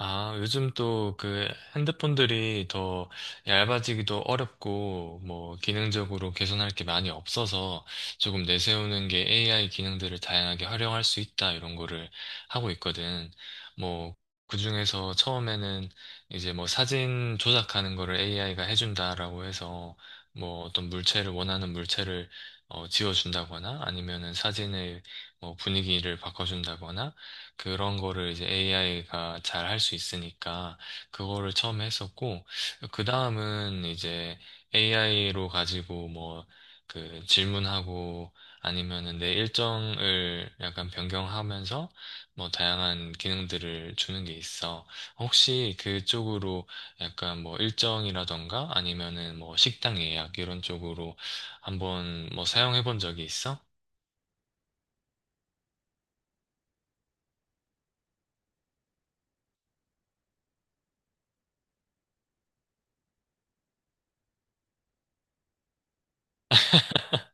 아, 요즘 또 그 핸드폰들이 더 얇아지기도 어렵고, 뭐, 기능적으로 개선할 게 많이 없어서 조금 내세우는 게 AI 기능들을 다양하게 활용할 수 있다, 이런 거를 하고 있거든. 뭐, 그중에서 처음에는 이제 뭐 사진 조작하는 거를 AI가 해준다라고 해서 뭐 어떤 물체를, 원하는 물체를 지워준다거나 아니면은 사진의 뭐 분위기를 바꿔준다거나 그런 거를 이제 AI가 잘 할 수 있으니까 그거를 처음 했었고 그 다음은 이제 AI로 가지고 뭐 그 질문하고 아니면은 내 일정을 약간 변경하면서 뭐 다양한 기능들을 주는 게 있어. 혹시 그쪽으로 약간 뭐 일정이라던가 아니면은 뭐 식당 예약 이런 쪽으로 한번 뭐 사용해 본 적이 있어?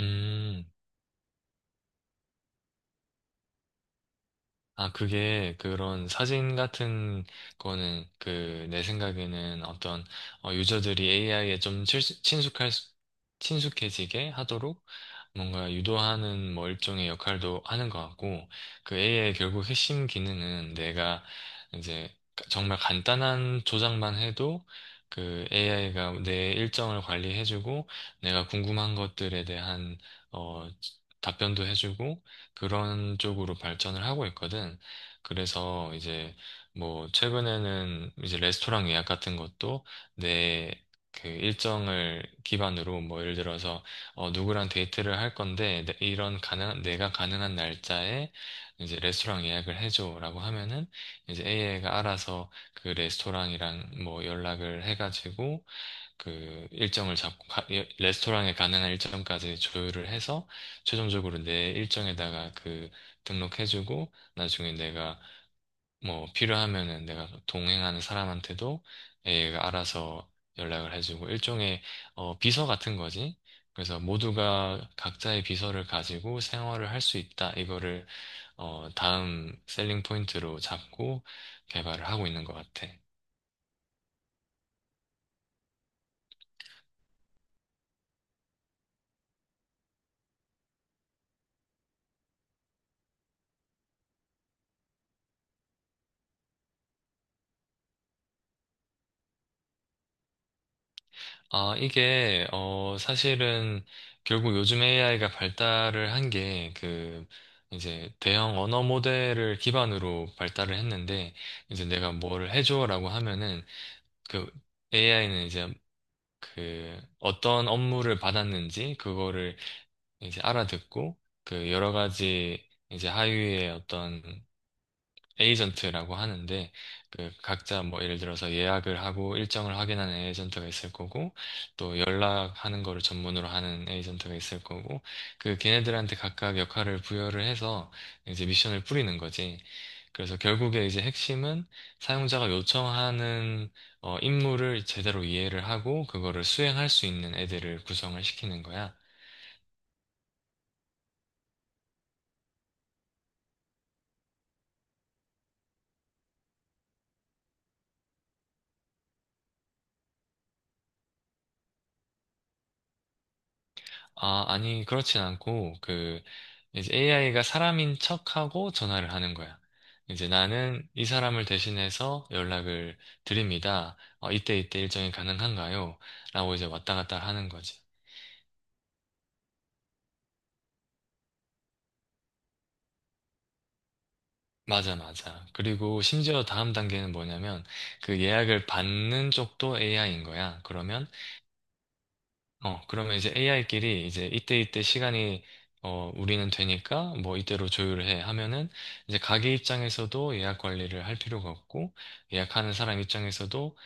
음. 아, 그게 그런 사진 같은 거는 그 내 생각에는 어떤 유저들이 AI에 좀 친숙해지게 하도록 뭔가 유도하는 뭐 일종의 역할도 하는 것 같고 그 AI의 결국 핵심 기능은 내가 이제 정말 간단한 조작만 해도 그 AI가 내 일정을 관리해주고 내가 궁금한 것들에 대한 어, 답변도 해주고 그런 쪽으로 발전을 하고 있거든. 그래서 이제 뭐 최근에는 이제 레스토랑 예약 같은 것도 내 그 일정을 기반으로 뭐 예를 들어서 어 누구랑 데이트를 할 건데 이런 가능 내가 가능한 날짜에 이제 레스토랑 예약을 해줘라고 하면은 이제 AI가 알아서 그 레스토랑이랑 뭐 연락을 해가지고 그 일정을 잡고 예, 레스토랑에 가능한 일정까지 조율을 해서 최종적으로 내 일정에다가 그 등록해주고 나중에 내가 뭐 필요하면은 내가 동행하는 사람한테도 얘가 알아서 연락을 해주고 일종의 비서 같은 거지. 그래서 모두가 각자의 비서를 가지고 생활을 할 수 있다. 이거를 다음 셀링 포인트로 잡고 개발을 하고 있는 것 같아. 아, 이게, 사실은 결국 요즘 AI가 발달을 한 게, 그, 이제 대형 언어 모델을 기반으로 발달을 했는데, 이제 내가 뭐를 해줘라고 하면은, 그 AI는 이제 그 어떤 업무를 받았는지, 그거를 이제 알아듣고, 그 여러 가지 이제 하위의 어떤 에이전트라고 하는데 그 각자 뭐 예를 들어서 예약을 하고 일정을 확인하는 에이전트가 있을 거고 또 연락하는 거를 전문으로 하는 에이전트가 있을 거고 그 걔네들한테 각각 역할을 부여를 해서 이제 미션을 뿌리는 거지. 그래서 결국에 이제 핵심은 사용자가 요청하는 임무를 제대로 이해를 하고 그거를 수행할 수 있는 애들을 구성을 시키는 거야. 아, 아니, 그렇진 않고, 그, 이제 AI가 사람인 척하고 전화를 하는 거야. 이제 나는 이 사람을 대신해서 연락을 드립니다. 이때 이때 일정이 가능한가요? 라고 이제 왔다 갔다 하는 거지. 맞아, 맞아. 그리고 심지어 다음 단계는 뭐냐면, 그 예약을 받는 쪽도 AI인 거야. 그러면 그러면 이제 AI끼리 이제 이때 이때 시간이 우리는 되니까 뭐 이때로 조율해 하면은 이제 가게 입장에서도 예약 관리를 할 필요가 없고 예약하는 사람 입장에서도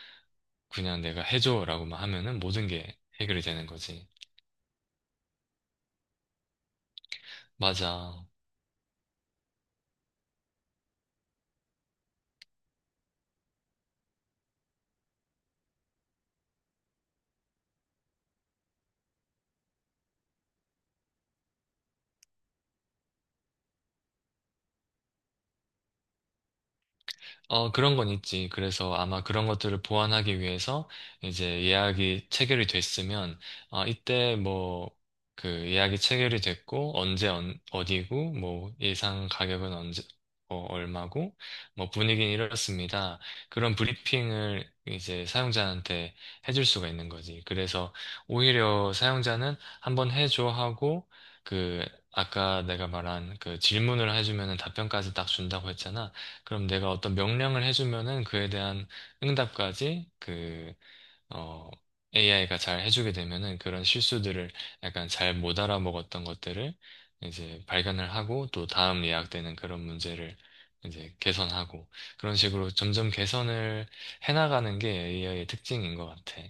그냥 내가 해줘라고만 하면은 모든 게 해결이 되는 거지. 맞아. 그런 건 있지. 그래서 아마 그런 것들을 보완하기 위해서 이제 예약이 체결이 됐으면, 아, 이때 뭐, 그 예약이 체결이 됐고, 언제 어디고, 뭐, 예상 가격은 언제, 얼마고, 뭐, 분위기는 이렇습니다. 그런 브리핑을 이제 사용자한테 해줄 수가 있는 거지. 그래서 오히려 사용자는 한번 해줘 하고, 그, 아까 내가 말한 그 질문을 해주면 답변까지 딱 준다고 했잖아. 그럼 내가 어떤 명령을 해주면은 그에 대한 응답까지 그, 어, AI가 잘 해주게 되면은 그런 실수들을 약간 잘 못 알아먹었던 것들을 이제 발견을 하고 또 다음 예약되는 그런 문제를 이제 개선하고 그런 식으로 점점 개선을 해나가는 게 AI의 특징인 것 같아.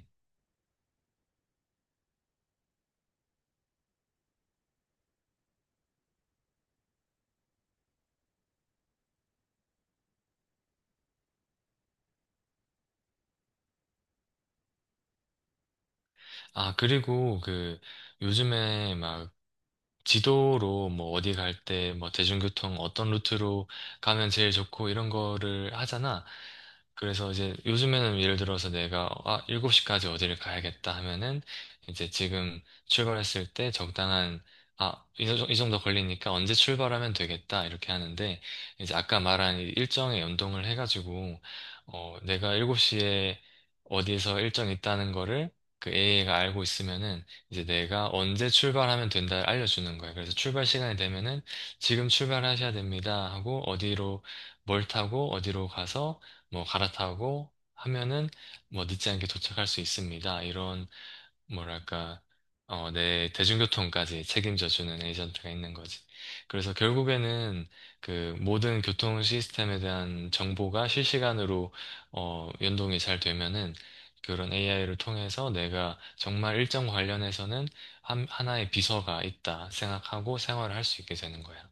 아, 그리고 그 요즘에 막 지도로 뭐 어디 갈 때 뭐 대중교통 어떤 루트로 가면 제일 좋고 이런 거를 하잖아. 그래서 이제 요즘에는 예를 들어서 내가 아, 7시까지 어디를 가야겠다 하면은 이제 지금 출발했을 때 적당한 아, 이 정도 걸리니까 언제 출발하면 되겠다 이렇게 하는데 이제 아까 말한 이 일정에 연동을 해가지고 내가 7시에 어디에서 일정 있다는 거를 그 a 가 알고 있으면은 이제 내가 언제 출발하면 된다 알려주는 거예요. 그래서 출발 시간이 되면은 지금 출발하셔야 됩니다 하고 어디로 뭘 타고 어디로 가서 뭐 갈아타고 하면은 뭐 늦지 않게 도착할 수 있습니다. 이런 뭐랄까 내 대중교통까지 책임져주는 에이전트가 있는 거지. 그래서 결국에는 그 모든 교통 시스템에 대한 정보가 실시간으로 연동이 잘 되면은 그런 AI를 통해서 내가 정말 일정 관련해서는 하나의 비서가 있다 생각하고 생활을 할 수 있게 되는 거야.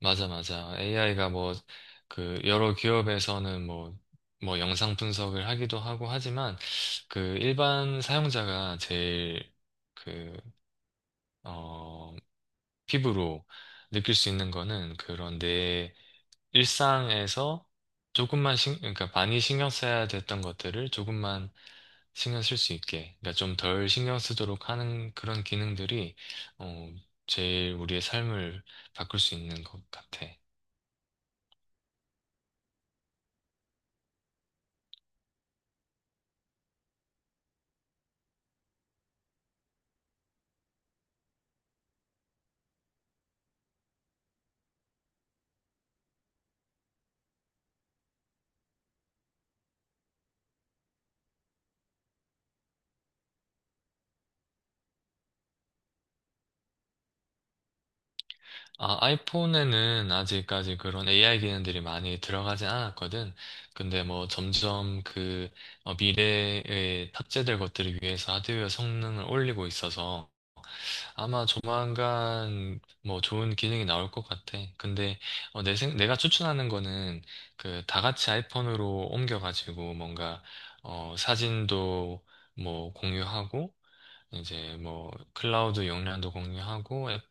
맞아, 맞아. AI가 뭐, 그, 여러 기업에서는 뭐, 뭐, 영상 분석을 하기도 하고 하지만, 그, 일반 사용자가 제일, 그, 어, 피부로 느낄 수 있는 거는 그런 내 일상에서 조금만 그러니까 많이 신경 써야 됐던 것들을 조금만 신경 쓸 수 있게, 그러니까 좀 덜 신경 쓰도록 하는 그런 기능들이, 어, 제일 우리의 삶을 바꿀 수 있는 것 같아. 아, 아이폰에는 아직까지 그런 AI 기능들이 많이 들어가진 않았거든. 근데 뭐 점점 그 미래에 탑재될 것들을 위해서 하드웨어 성능을 올리고 있어서 아마 조만간 뭐 좋은 기능이 나올 것 같아. 근데 내 내가 추천하는 거는 그 다 같이 아이폰으로 옮겨가지고 뭔가 사진도 뭐 공유하고 이제 뭐 클라우드 용량도 공유하고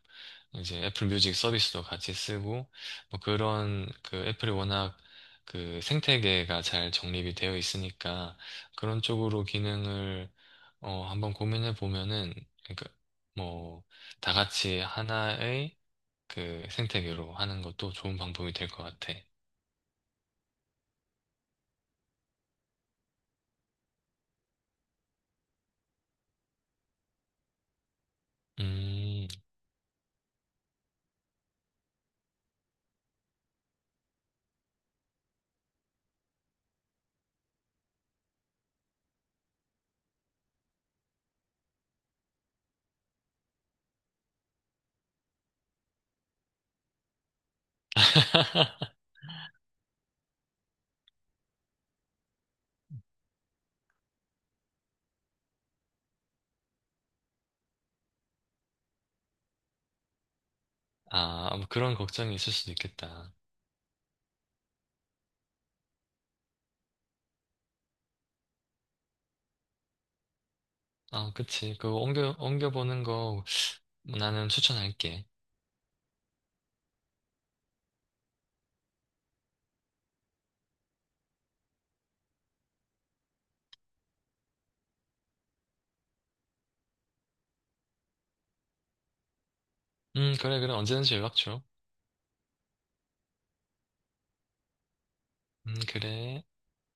이제 애플 뮤직 서비스도 같이 쓰고 뭐 그런 그 애플이 워낙 그 생태계가 잘 정립이 되어 있으니까 그런 쪽으로 기능을 어 한번 고민해 보면은 그러니까 뭐 다 같이 하나의 그 생태계로 하는 것도 좋은 방법이 될 것 같아. 음. 아, 뭐 그런 걱정이 있을 수도 있겠다. 아, 그치. 그거 옮겨보는 거 나는 추천할게. 그래, 그래. 언제든지 연락 줘. 그래.